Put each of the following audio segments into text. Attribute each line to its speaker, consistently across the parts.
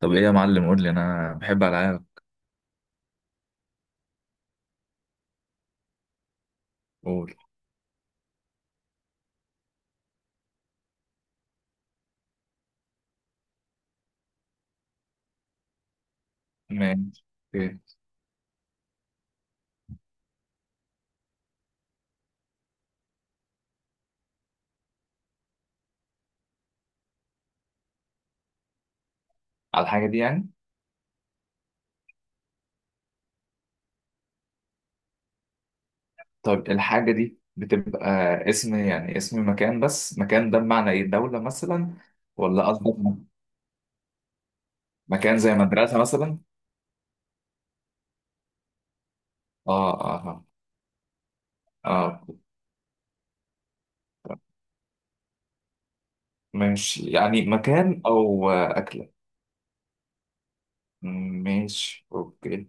Speaker 1: طب ايه يا معلم؟ قول لي، انا بحب العاب. قول. ماشي. اوكي. على الحاجة دي يعني؟ طيب الحاجة دي بتبقى اسم، يعني اسم مكان، بس مكان ده بمعنى ايه؟ دولة مثلا ولا قصدك مكان زي مدرسة مثلا؟ اه اه اه. آه. ماشي، يعني مكان او أكلة. ماشي. اوكي.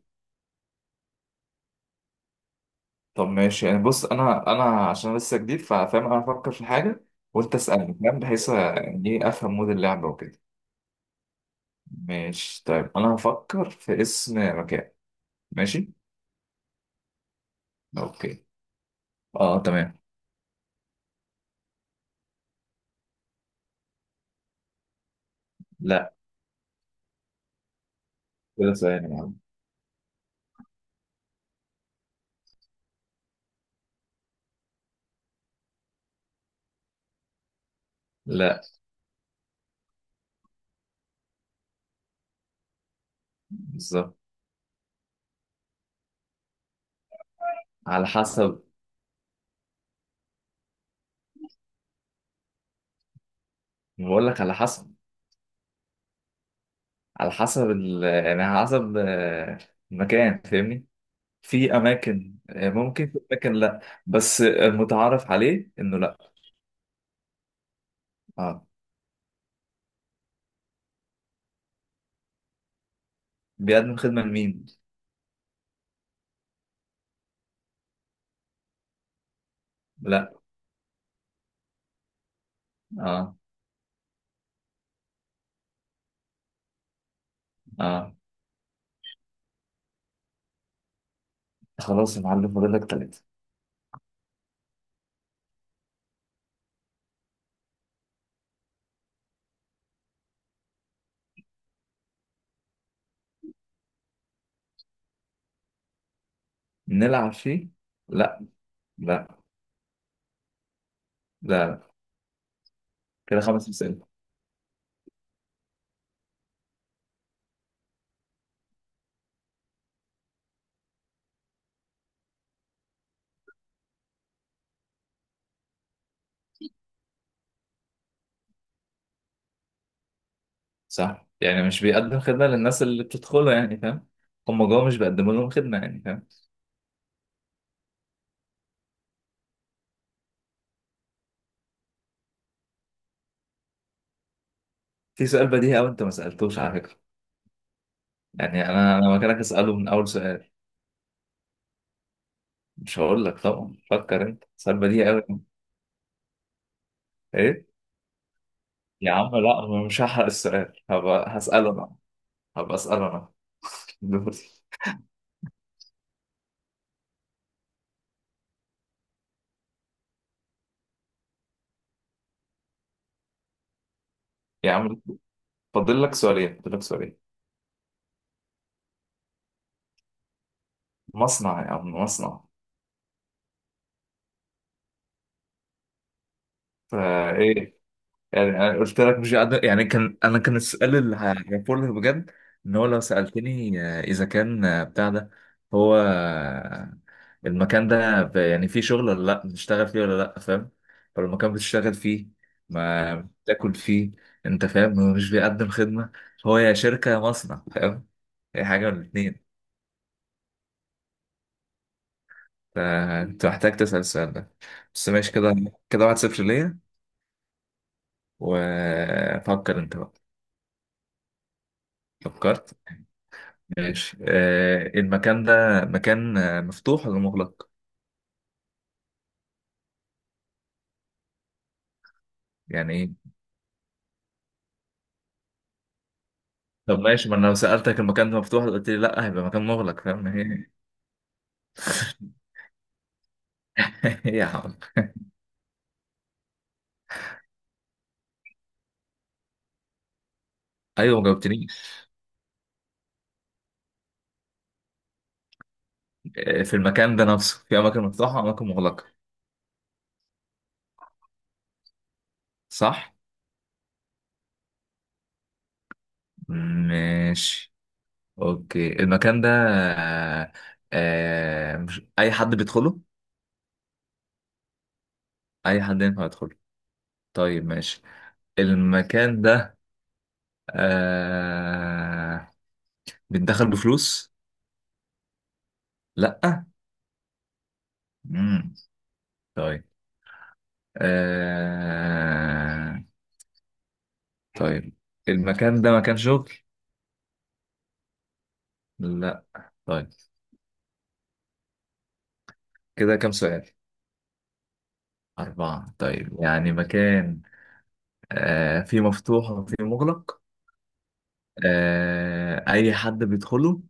Speaker 1: طب ماشي، يعني بص انا عشان لسه جديد ففاهم. انا افكر في حاجة وانت اسألني، فاهم، بحيث يعني ايه افهم مود اللعبة وكده. ماشي طيب، انا هفكر في اسم مكان. ماشي. اوكي. اه تمام. لا كده، ثواني يا عم. لا. بالظبط. على حسب. بقول لك على حسب. على حسب يعني على حسب المكان، فاهمني؟ في اماكن ممكن، في اماكن لا. بس المتعارف عليه انه لا. اه. بيقدم خدمة لمين؟ لا. اه. اه. خلاص يا معلم، فاضل لك 3. نلعب فيه؟ لا. لا. لا. كده 5 مسائل. صح، يعني مش بيقدم خدمة للناس اللي بتدخله، يعني فاهم؟ هم جوه مش بيقدموا لهم خدمة، يعني فاهم؟ في سؤال بديهي أوي أنت ما سألتوش على فكرة. يعني أنا مكانك أسأله من أول سؤال. مش هقول لك طبعا، فكر أنت، سؤال بديهي أوي يعني. إيه؟ يا عم لا، أنا مش هحرق السؤال، هبقى هسأله أنا. هبقى أسأله أنا. دوري. يا عم، فاضل لك 2، فاضل لك سؤالين. مصنع يا عم، مصنع. فإيه؟ يعني انا قلت لك مش قادر، يعني كان السؤال اللي هعرفه لك بجد، ان هو لو سالتني اذا كان بتاع ده. هو المكان ده يعني فيه شغل ولا لا، بتشتغل فيه ولا لا، فاهم؟ فلو المكان بتشتغل فيه، ما بتاكل فيه، انت فاهم. هو مش بيقدم خدمه. هو يا شركه يا مصنع، فاهم؟ هي حاجه من الـ2. فانت محتاج تسال السؤال ده بس. ماشي كده. كده 1-0 ليا. وفكر انت بقى. فكرت. ماشي. آه، المكان ده مكان مفتوح ولا مغلق؟ يعني ايه؟ طب ماشي، ما انا لو سألتك المكان ده مفتوح قلت لي لا، هيبقى مكان مغلق، فاهم هي. هي يا عم. ايوه ما جاوبتنيش. في المكان ده نفسه في اماكن مفتوحة واماكن مغلقة، صح؟ ماشي. اوكي. المكان ده مش اي حد بيدخله؟ اي حد ينفع يدخله. طيب ماشي. المكان ده آه بيتدخل بفلوس؟ لا. مم. طيب. آه... طيب المكان ده مكان شغل؟ لا. طيب كده كام سؤال؟ 4. طيب يعني مكان فيه مفتوح وفيه مغلق. أي حد بيدخله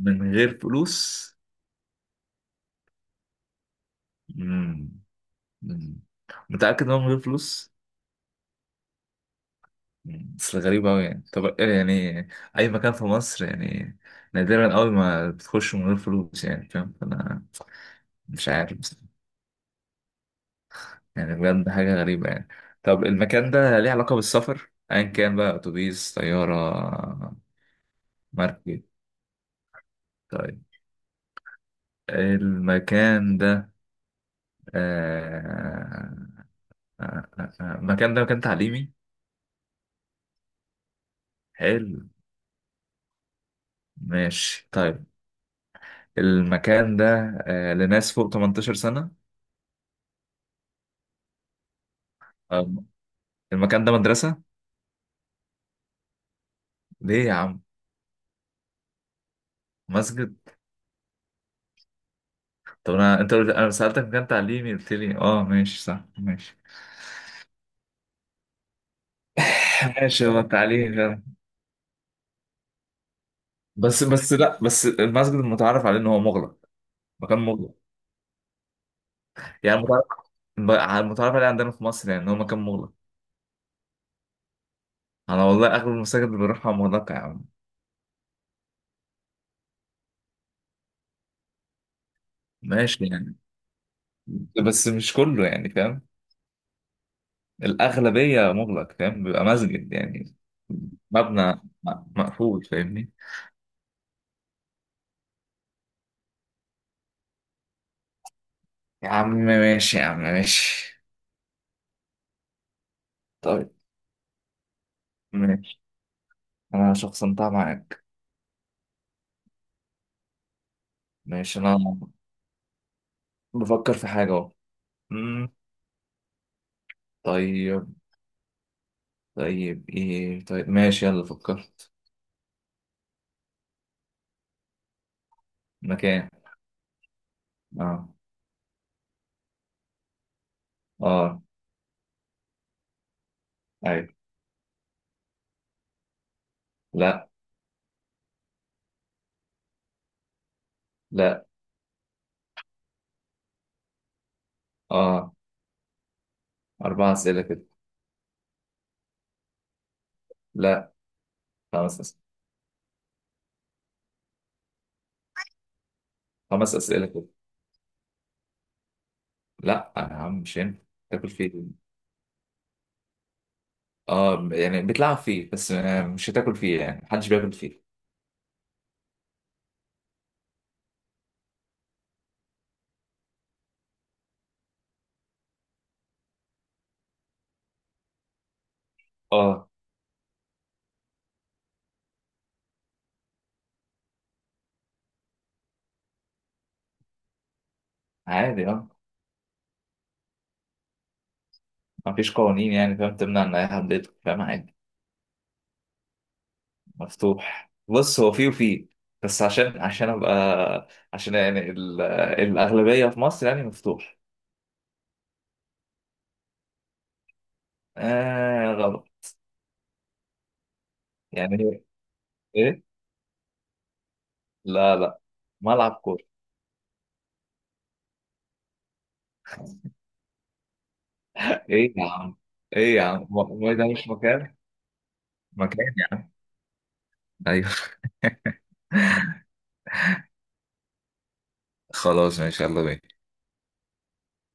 Speaker 1: من غير فلوس. مم. مم. متأكد إن هو من غير فلوس؟ مم. بس غريب أوي يعني. طب يعني أي مكان في مصر يعني، نادرا أوي ما بتخش من غير فلوس، يعني فاهم، فأنا مش عارف. يعني بجد حاجة غريبة يعني. طب المكان ده ليه علاقة بالسفر، أيا كان بقى، أتوبيس، طيارة، مركب؟ طيب المكان ده آه... المكان ده مكان تعليمي. حلو. ماشي طيب. المكان ده لناس فوق 18 سنة. آه... المكان ده مدرسة. ليه يا عم؟ مسجد. طب أنا أنا سألتك مكان تعليمي قلت لي أه ماشي صح ماشي. ماشي، هو التعليم. بس لا، بس المسجد المتعارف عليه ان هو مغلق، مكان مغلق. يعني متعارف، المتعارف عليه عندنا في مصر يعني ان هو مكان مغلق. انا والله اغلب المساجد اللي بروحها مغلقه يا عم. ماشي يعني، بس مش كله يعني فاهم. الاغلبيه مغلق، فاهم، بيبقى مسجد يعني مبنى مقفول، فاهمني؟ يا عم ماشي يا عم ماشي. طيب. ماشي. انا شخصنتها معاك. ماشي. انا بفكر في حاجه اهو. مم، طيب. طيب ايه؟ طيب ماشي يلا. فكرت. مكان. اه. اه. ايوه. لا. لا. اه. 4 اسئله كده. لا. 5 اسئله، خمس اسئله كده. لا يا عم مش هينفع تاكل فيه. اه، يعني بتلعب فيه بس مش هتاكل فيه، يعني محدش بياكل فيه. اه عادي. اه، مفيش قوانين يعني، فاهم، تمنع ان اي حد يدخل، فاهم، عادي. مفتوح. بص، هو فيه وفيه، بس عشان ابقى، عشان يعني الاغلبيه في مصر يعني مفتوح. آه غلط. يعني ايه؟ لا لا، ملعب كوره. ايه يا عم؟ ايه يا عم، هو ده مش مكان، مكان يعني. ايوه. خلاص ان شاء الله بيه.